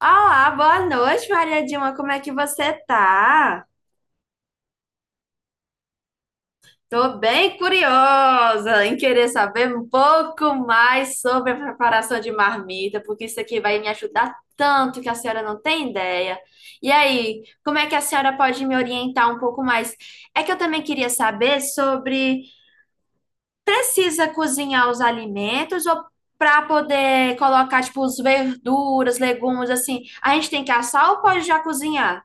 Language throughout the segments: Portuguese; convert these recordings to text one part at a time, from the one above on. Olá, boa noite, Maria Dilma. Como é que você tá? Tô bem curiosa em querer saber um pouco mais sobre a preparação de marmita, porque isso aqui vai me ajudar tanto que a senhora não tem ideia. E aí, como é que a senhora pode me orientar um pouco mais? É que eu também queria saber sobre precisa cozinhar os alimentos ou para poder colocar tipo os verduras, legumes assim, a gente tem que assar ou pode já cozinhar?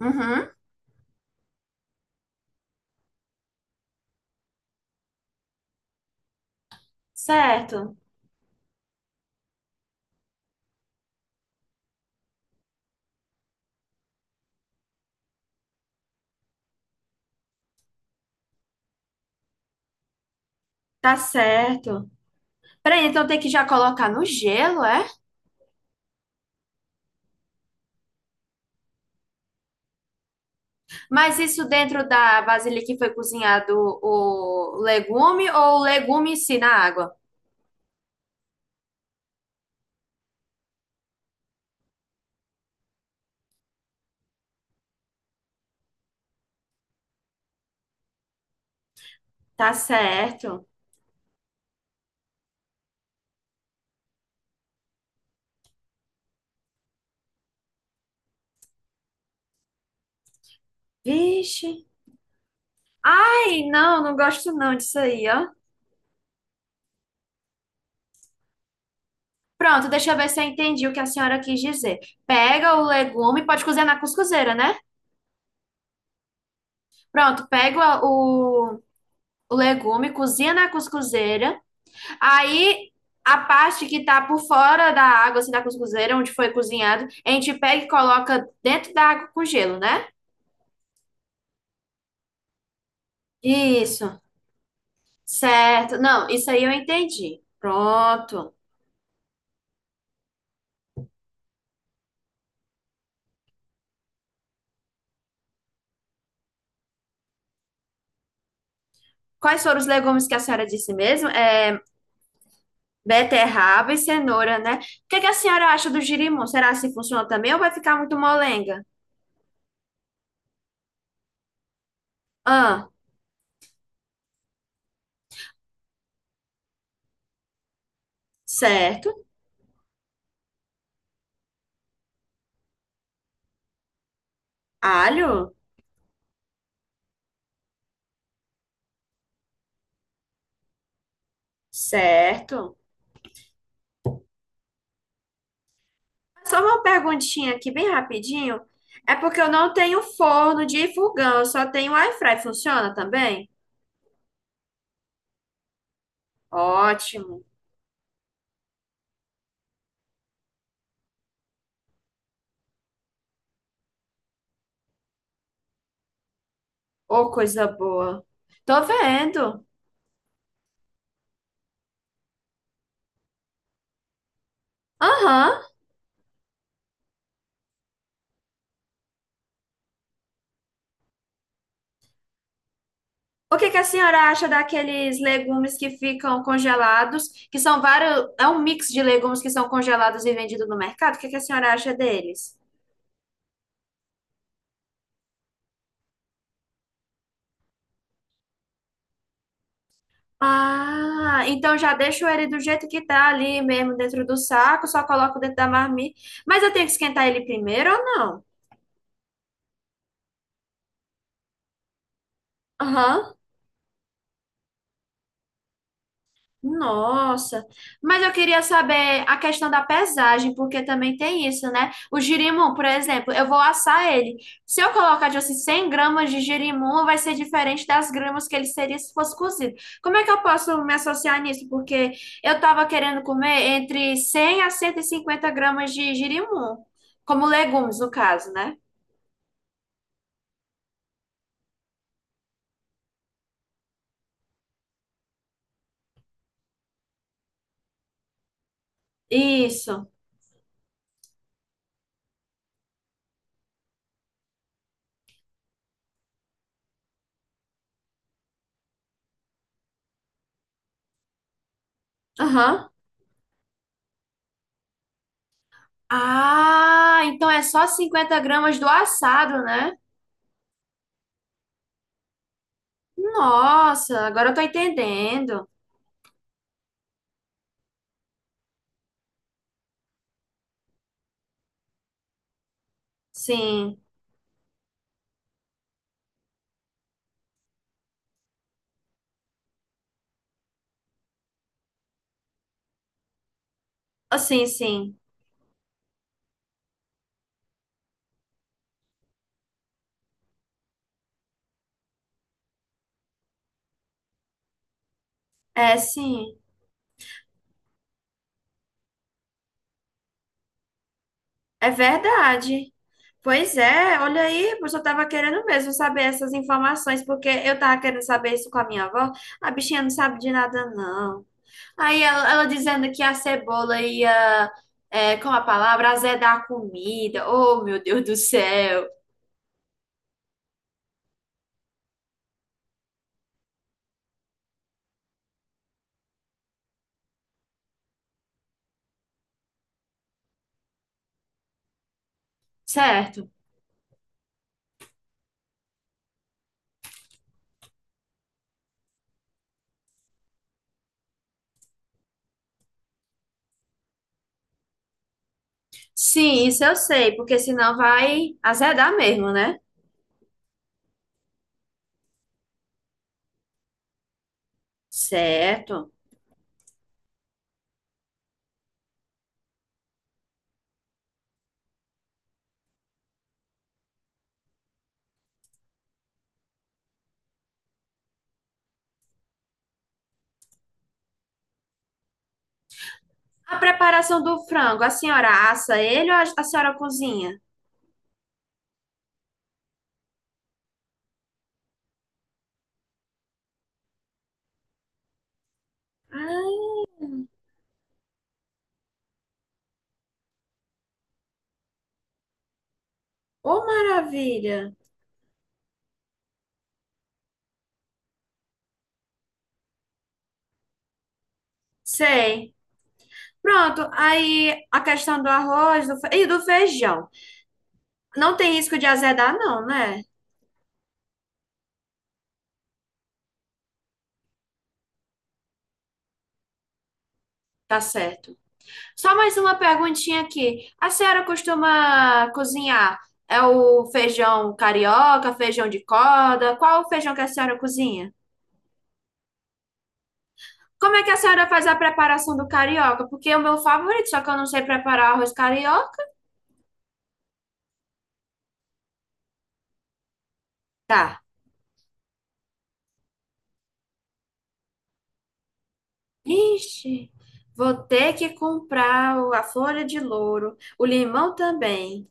Uhum, certo. Tá certo. Peraí, então tem que já colocar no gelo, é? Mas isso dentro da vasilha que foi cozinhado o legume ou o legume em si na água? Tá certo. Vixe. Ai, não, não gosto não disso aí, ó. Pronto, deixa eu ver se eu entendi o que a senhora quis dizer. Pega o legume, pode cozinhar na cuscuzeira, né? Pronto, pega o legume, cozinha na cuscuzeira. Aí a parte que tá por fora da água, assim, da cuscuzeira, onde foi cozinhado, a gente pega e coloca dentro da água com gelo, né? Isso. Certo. Não, isso aí eu entendi. Pronto. Quais foram os legumes que a senhora disse mesmo? É beterraba e cenoura, né? O que que a senhora acha do girimum? Será se funciona também ou vai ficar muito molenga? Ah, certo. Alho? Certo. Só uma perguntinha aqui, bem rapidinho. É porque eu não tenho forno de fogão, eu só tenho air fry. Funciona também? Ótimo. Ô, coisa boa. Tô vendo. Aham. O que que a senhora acha daqueles legumes que ficam congelados, que são vários, é um mix de legumes que são congelados e vendidos no mercado? O que que a senhora acha deles? Ah, então já deixo ele do jeito que tá ali mesmo dentro do saco, só coloco dentro da marmita. Mas eu tenho que esquentar ele primeiro ou não? Aham. Nossa, mas eu queria saber a questão da pesagem, porque também tem isso, né? O girimum, por exemplo, eu vou assar ele. Se eu colocar, tipo assim, 100 g de girimum, vai ser diferente das gramas que ele seria se fosse cozido. Como é que eu posso me associar nisso? Porque eu estava querendo comer entre 100 a 150 g de girimum, como legumes, no caso, né? Isso. Aham. Ah, então é só 50 g do assado, né? Nossa, agora eu tô entendendo. Sim, Ah, sim, sim. É, sim. É verdade. Pois é, olha aí, pois eu tava querendo mesmo saber essas informações, porque eu tava querendo saber isso com a minha avó. A bichinha não sabe de nada, não. Aí ela dizendo que a cebola ia, é, com a palavra, azedar a comida. Oh, meu Deus do céu. Certo. Sim, isso eu sei, porque senão vai azedar mesmo, né? Certo. A preparação do frango, a senhora assa ele ou a senhora cozinha? Ai, ô maravilha. Sei. Pronto, aí a questão do arroz e do feijão. Não tem risco de azedar, não, né? Tá certo. Só mais uma perguntinha aqui. A senhora costuma cozinhar? É o feijão carioca, feijão de corda? Qual o feijão que a senhora cozinha? Como é que a senhora faz a preparação do carioca? Porque é o meu favorito, só que eu não sei preparar arroz carioca. Tá. Ixi, vou ter que comprar a folha de louro, o limão também.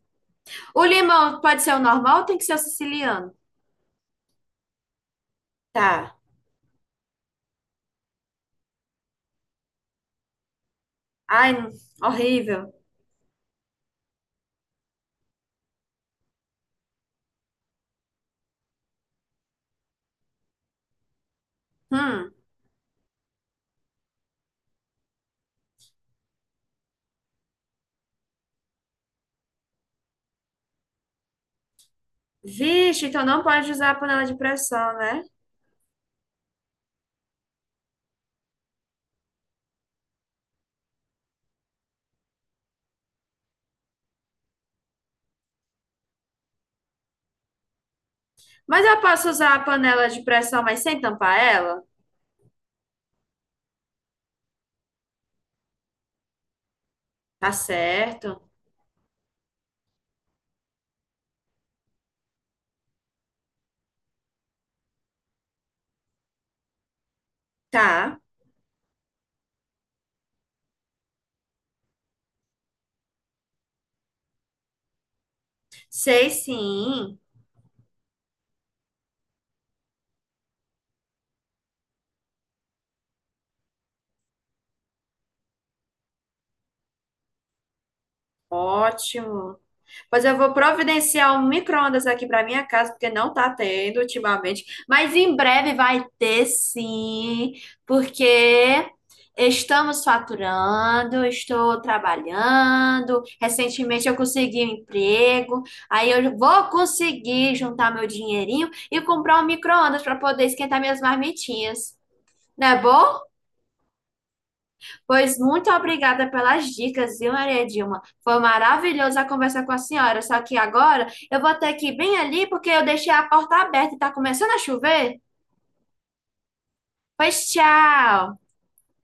O limão pode ser o normal ou tem que ser o siciliano? Tá. Ai, horrível. Hum. Vixe, então não pode usar a panela de pressão, né? Mas eu posso usar a panela de pressão, mas sem tampar ela? Tá certo. Tá. Sei sim. Ótimo. Pois eu vou providenciar um micro-ondas aqui para minha casa, porque não tá tendo ultimamente. Mas em breve vai ter sim, porque estamos faturando, estou trabalhando. Recentemente eu consegui um emprego, aí eu vou conseguir juntar meu dinheirinho e comprar um micro-ondas para poder esquentar minhas marmitinhas. Não é bom? Pois muito obrigada pelas dicas, viu, Maria Dilma? Foi maravilhoso a conversa com a senhora, só que agora eu vou ter que ir bem ali porque eu deixei a porta aberta e tá começando a chover. Pois tchau!